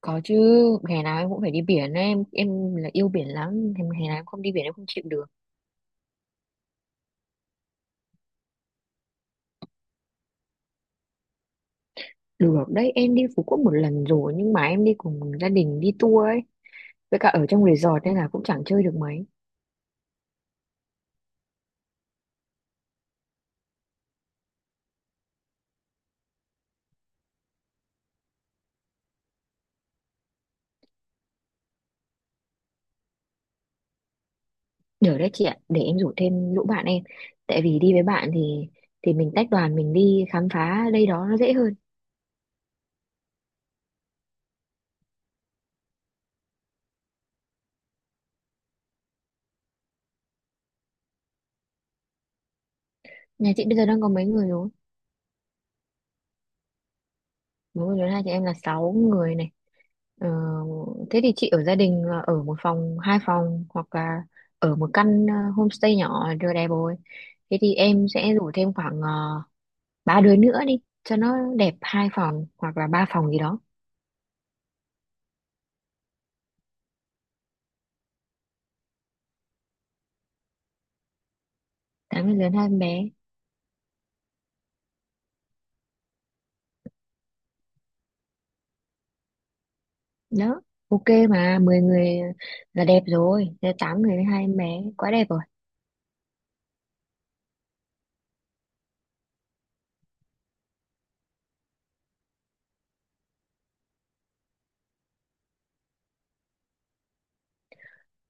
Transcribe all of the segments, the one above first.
Có chứ, hè nào em cũng phải đi biển ấy. Em là yêu biển lắm, em hè nào em không đi biển em không chịu được. Được đấy, em đi Phú Quốc một lần rồi nhưng mà em đi cùng gia đình đi tour ấy, với cả ở trong resort nên là cũng chẳng chơi được mấy. Được đấy chị ạ, để em rủ thêm lũ bạn em. Tại vì đi với bạn thì mình tách đoàn mình đi khám phá đây đó nó dễ hơn. Nhà chị bây giờ đang có mấy người rồi? Bố của Tuấn hai chị em là sáu người này. ờ, Thế thì chị ở gia đình là ở một phòng hai phòng hoặc là ở một căn homestay nhỏ là vừa đẹp rồi. Thế thì em sẽ rủ thêm khoảng ba đứa nữa đi cho nó đẹp hai phòng hoặc là ba phòng gì đó. Tám người lớn hai em bé. Đó, ok, mà 10 người là đẹp rồi. Thế tám người với hai em bé quá đẹp rồi.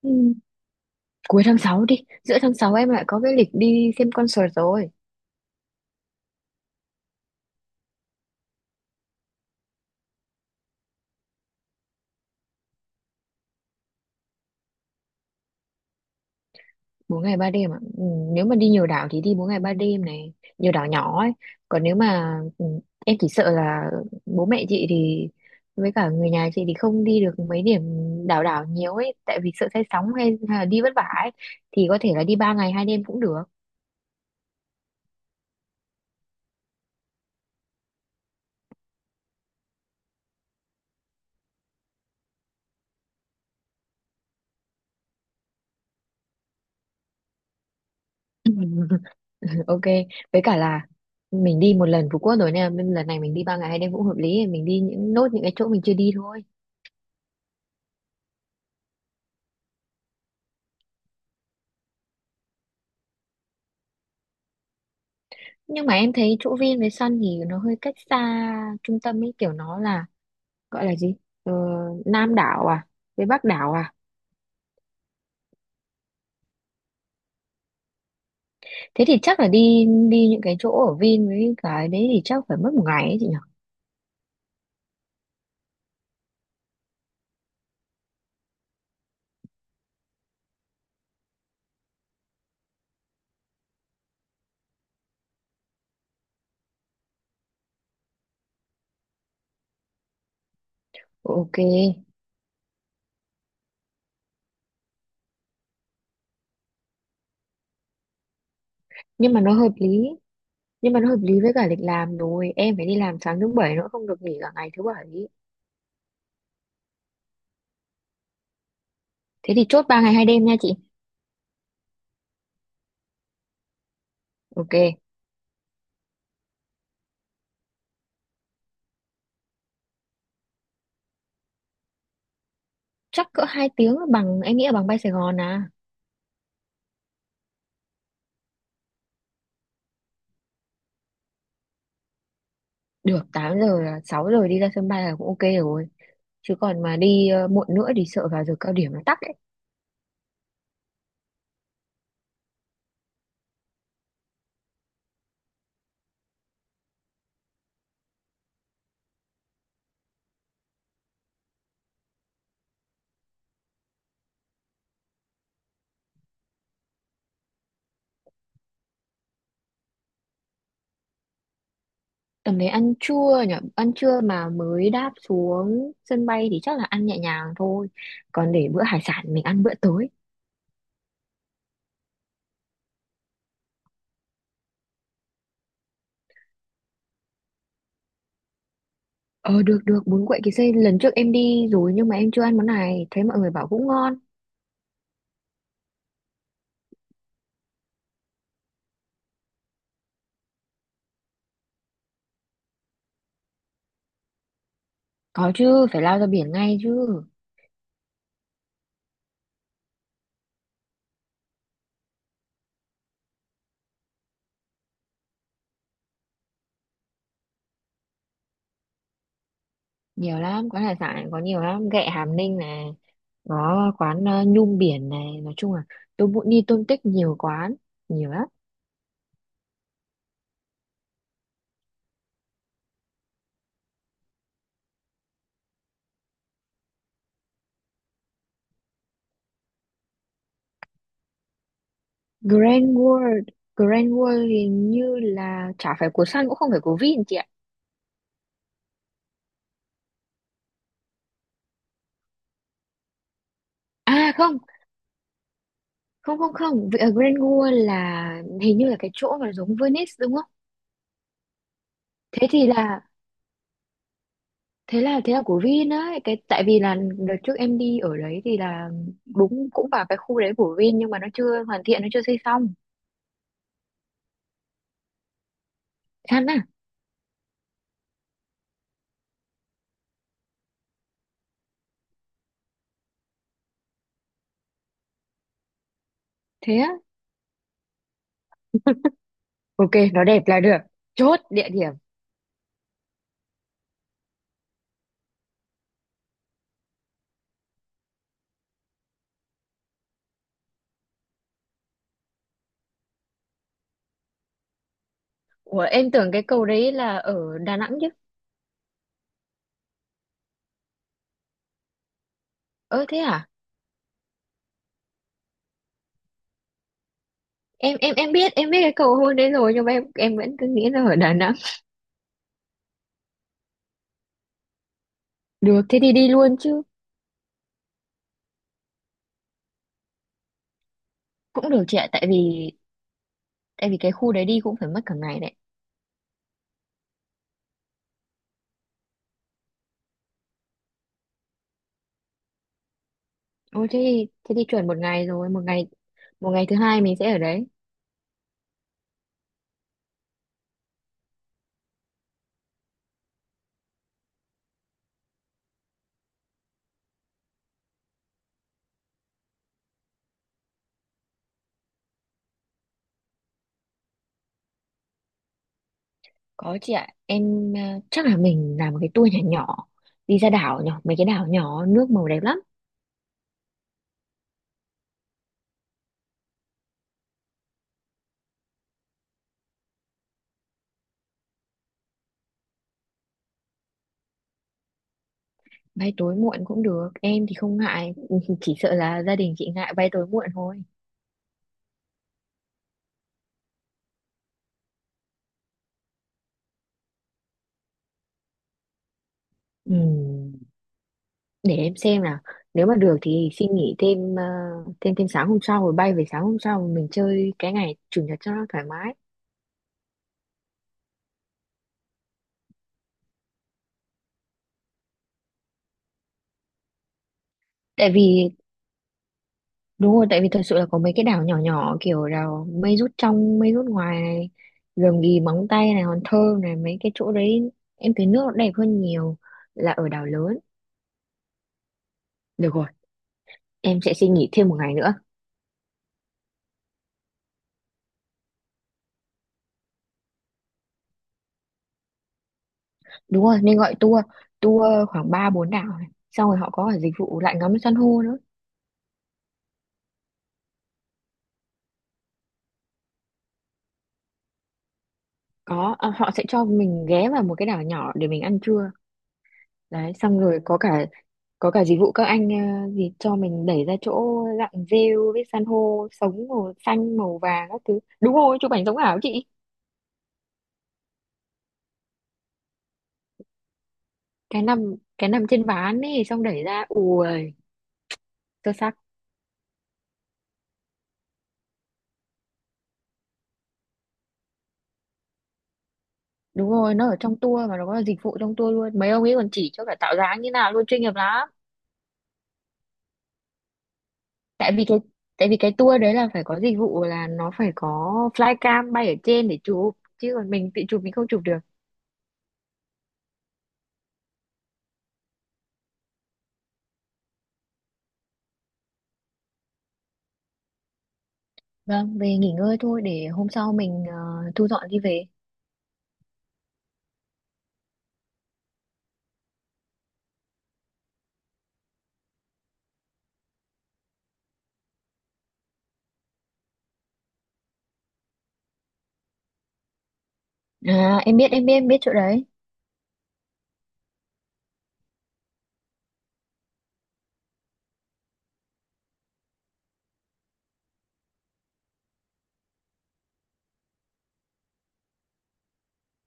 Ừ. Cuối tháng 6 đi. Giữa tháng 6 em lại có cái lịch đi xem concert rồi. Bốn ngày ba đêm ạ, ừ, nếu mà đi nhiều đảo thì đi bốn ngày ba đêm này nhiều đảo nhỏ ấy, còn nếu mà em chỉ sợ là bố mẹ chị thì với cả người nhà chị thì không đi được mấy điểm đảo đảo nhiều ấy tại vì sợ say sóng hay là đi vất vả ấy thì có thể là đi ba ngày hai đêm cũng được. Ok, với cả là mình đi một lần Phú Quốc rồi nên là lần này mình đi ba ngày hai đêm cũng hợp lý mình đi những nốt những cái chỗ mình chưa đi thôi. Nhưng mà em thấy chỗ Vin với Sun thì nó hơi cách xa trung tâm ấy kiểu nó là gọi là gì, ờ, Nam đảo à, với Bắc đảo à. Thế thì chắc là đi đi những cái chỗ ở Vin với cái đấy thì chắc phải mất một ngày ấy chị nhỉ. Ok, nhưng mà nó hợp lý nhưng mà nó hợp lý với cả lịch làm rồi em phải đi làm sáng thứ bảy nữa không được nghỉ cả ngày thứ bảy. Thế thì chốt ba ngày hai đêm nha chị. Ok, chắc cỡ hai tiếng là bằng em nghĩ là bằng bay Sài Gòn à. Được, tám giờ là 6 giờ đi ra sân bay là cũng ok rồi, chứ còn mà đi muộn nữa thì sợ vào giờ cao điểm nó tắc. Tầm đấy ăn trưa nhỉ, ăn trưa mà mới đáp xuống sân bay thì chắc là ăn nhẹ nhàng thôi. Còn để bữa hải sản mình ăn bữa tối. Ờ, được được, bún quậy kỳ xê lần trước em đi rồi nhưng mà em chưa ăn món này, thấy mọi người bảo cũng ngon. Có chứ, phải lao ra biển ngay chứ. Nhiều lắm, quán hải sản có nhiều lắm, ghẹ Hàm Ninh này, có quán Nhum Biển này, nói chung là tôi muốn đi Tôn Tích nhiều quán, nhiều lắm. Grand World, Grand World hình như là chả phải của Sun cũng không phải của Vin chị ạ. À không, không, không, không vì ở Grand Gua là hình như là cái chỗ mà giống Venice đúng không. Thế thì là thế là của Vin ấy, cái tại vì là đợt trước em đi ở đấy thì là đúng cũng vào cái khu đấy của Vin nhưng mà nó chưa hoàn thiện nó chưa xây xong. Chán à. Thế á. Ok, nó đẹp là được. Chốt địa điểm. Ủa em tưởng cái cầu đấy là ở Đà Nẵng chứ. Ơ thế à, em biết cái cầu hôn đấy rồi nhưng mà em vẫn cứ nghĩ là ở Đà Nẵng. Được thế thì đi luôn chứ. Cũng được chị ạ, tại vì cái khu đấy đi cũng phải mất cả ngày đấy. Ôi thế thì, chuẩn một ngày rồi một ngày. Một ngày thứ hai mình sẽ ở đấy. Có chị ạ, em chắc là mình làm một cái tour nhỏ nhỏ đi ra đảo nhỏ mấy cái đảo nhỏ nước màu đẹp lắm. Bay tối muộn cũng được em thì không ngại, chỉ sợ là gia đình chị ngại bay tối muộn thôi. Ừm, để em xem nào, nếu mà được thì xin nghỉ thêm ờ, thêm thêm sáng hôm sau rồi bay về sáng hôm sau mình chơi cái ngày chủ nhật cho nó thoải mái. Tại vì Đúng rồi, tại vì thật sự là có mấy cái đảo nhỏ nhỏ kiểu đảo mây rút trong, mây rút ngoài này, rừng Ghì Móng Tay này, Hòn Thơm này, mấy cái chỗ đấy em thấy nước nó đẹp hơn nhiều là ở đảo lớn. Được rồi, em sẽ xin nghỉ thêm một ngày nữa. Đúng rồi, nên gọi tour, tour khoảng ba bốn đảo này. Xong rồi họ có cả dịch vụ lại ngắm san hô nữa. Có, à, họ sẽ cho mình ghé vào một cái đảo nhỏ để mình ăn trưa. Đấy xong rồi có cả dịch vụ các anh gì cho mình đẩy ra chỗ lặn rêu với san hô sống màu xanh màu vàng các thứ, đúng rồi chụp ảnh sống ảo chị. Cái nằm trên ván ấy xong đẩy ra ui sơ sắc. Đúng rồi nó ở trong tour mà nó có dịch vụ trong tour luôn mấy ông ấy còn chỉ cho cả tạo dáng như nào luôn chuyên nghiệp lắm. Tại vì cái tại vì cái tour đấy là phải có dịch vụ là nó phải có flycam bay ở trên để chụp chứ còn mình tự chụp mình không chụp được. Vâng, về nghỉ ngơi thôi để hôm sau mình thu dọn đi về. À, em biết chỗ đấy.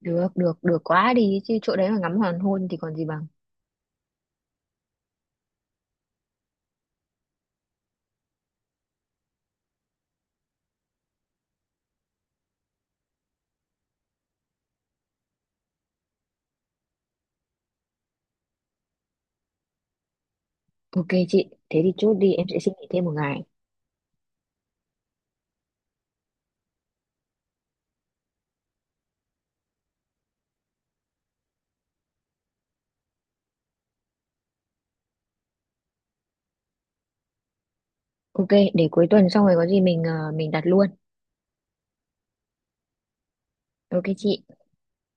Được được được quá đi chứ chỗ đấy mà ngắm hoàng hôn thì còn gì bằng. Ok chị, thế thì chốt đi em sẽ xin nghỉ thêm một ngày. Ok, để cuối tuần xong rồi có gì mình đặt luôn. Ok chị.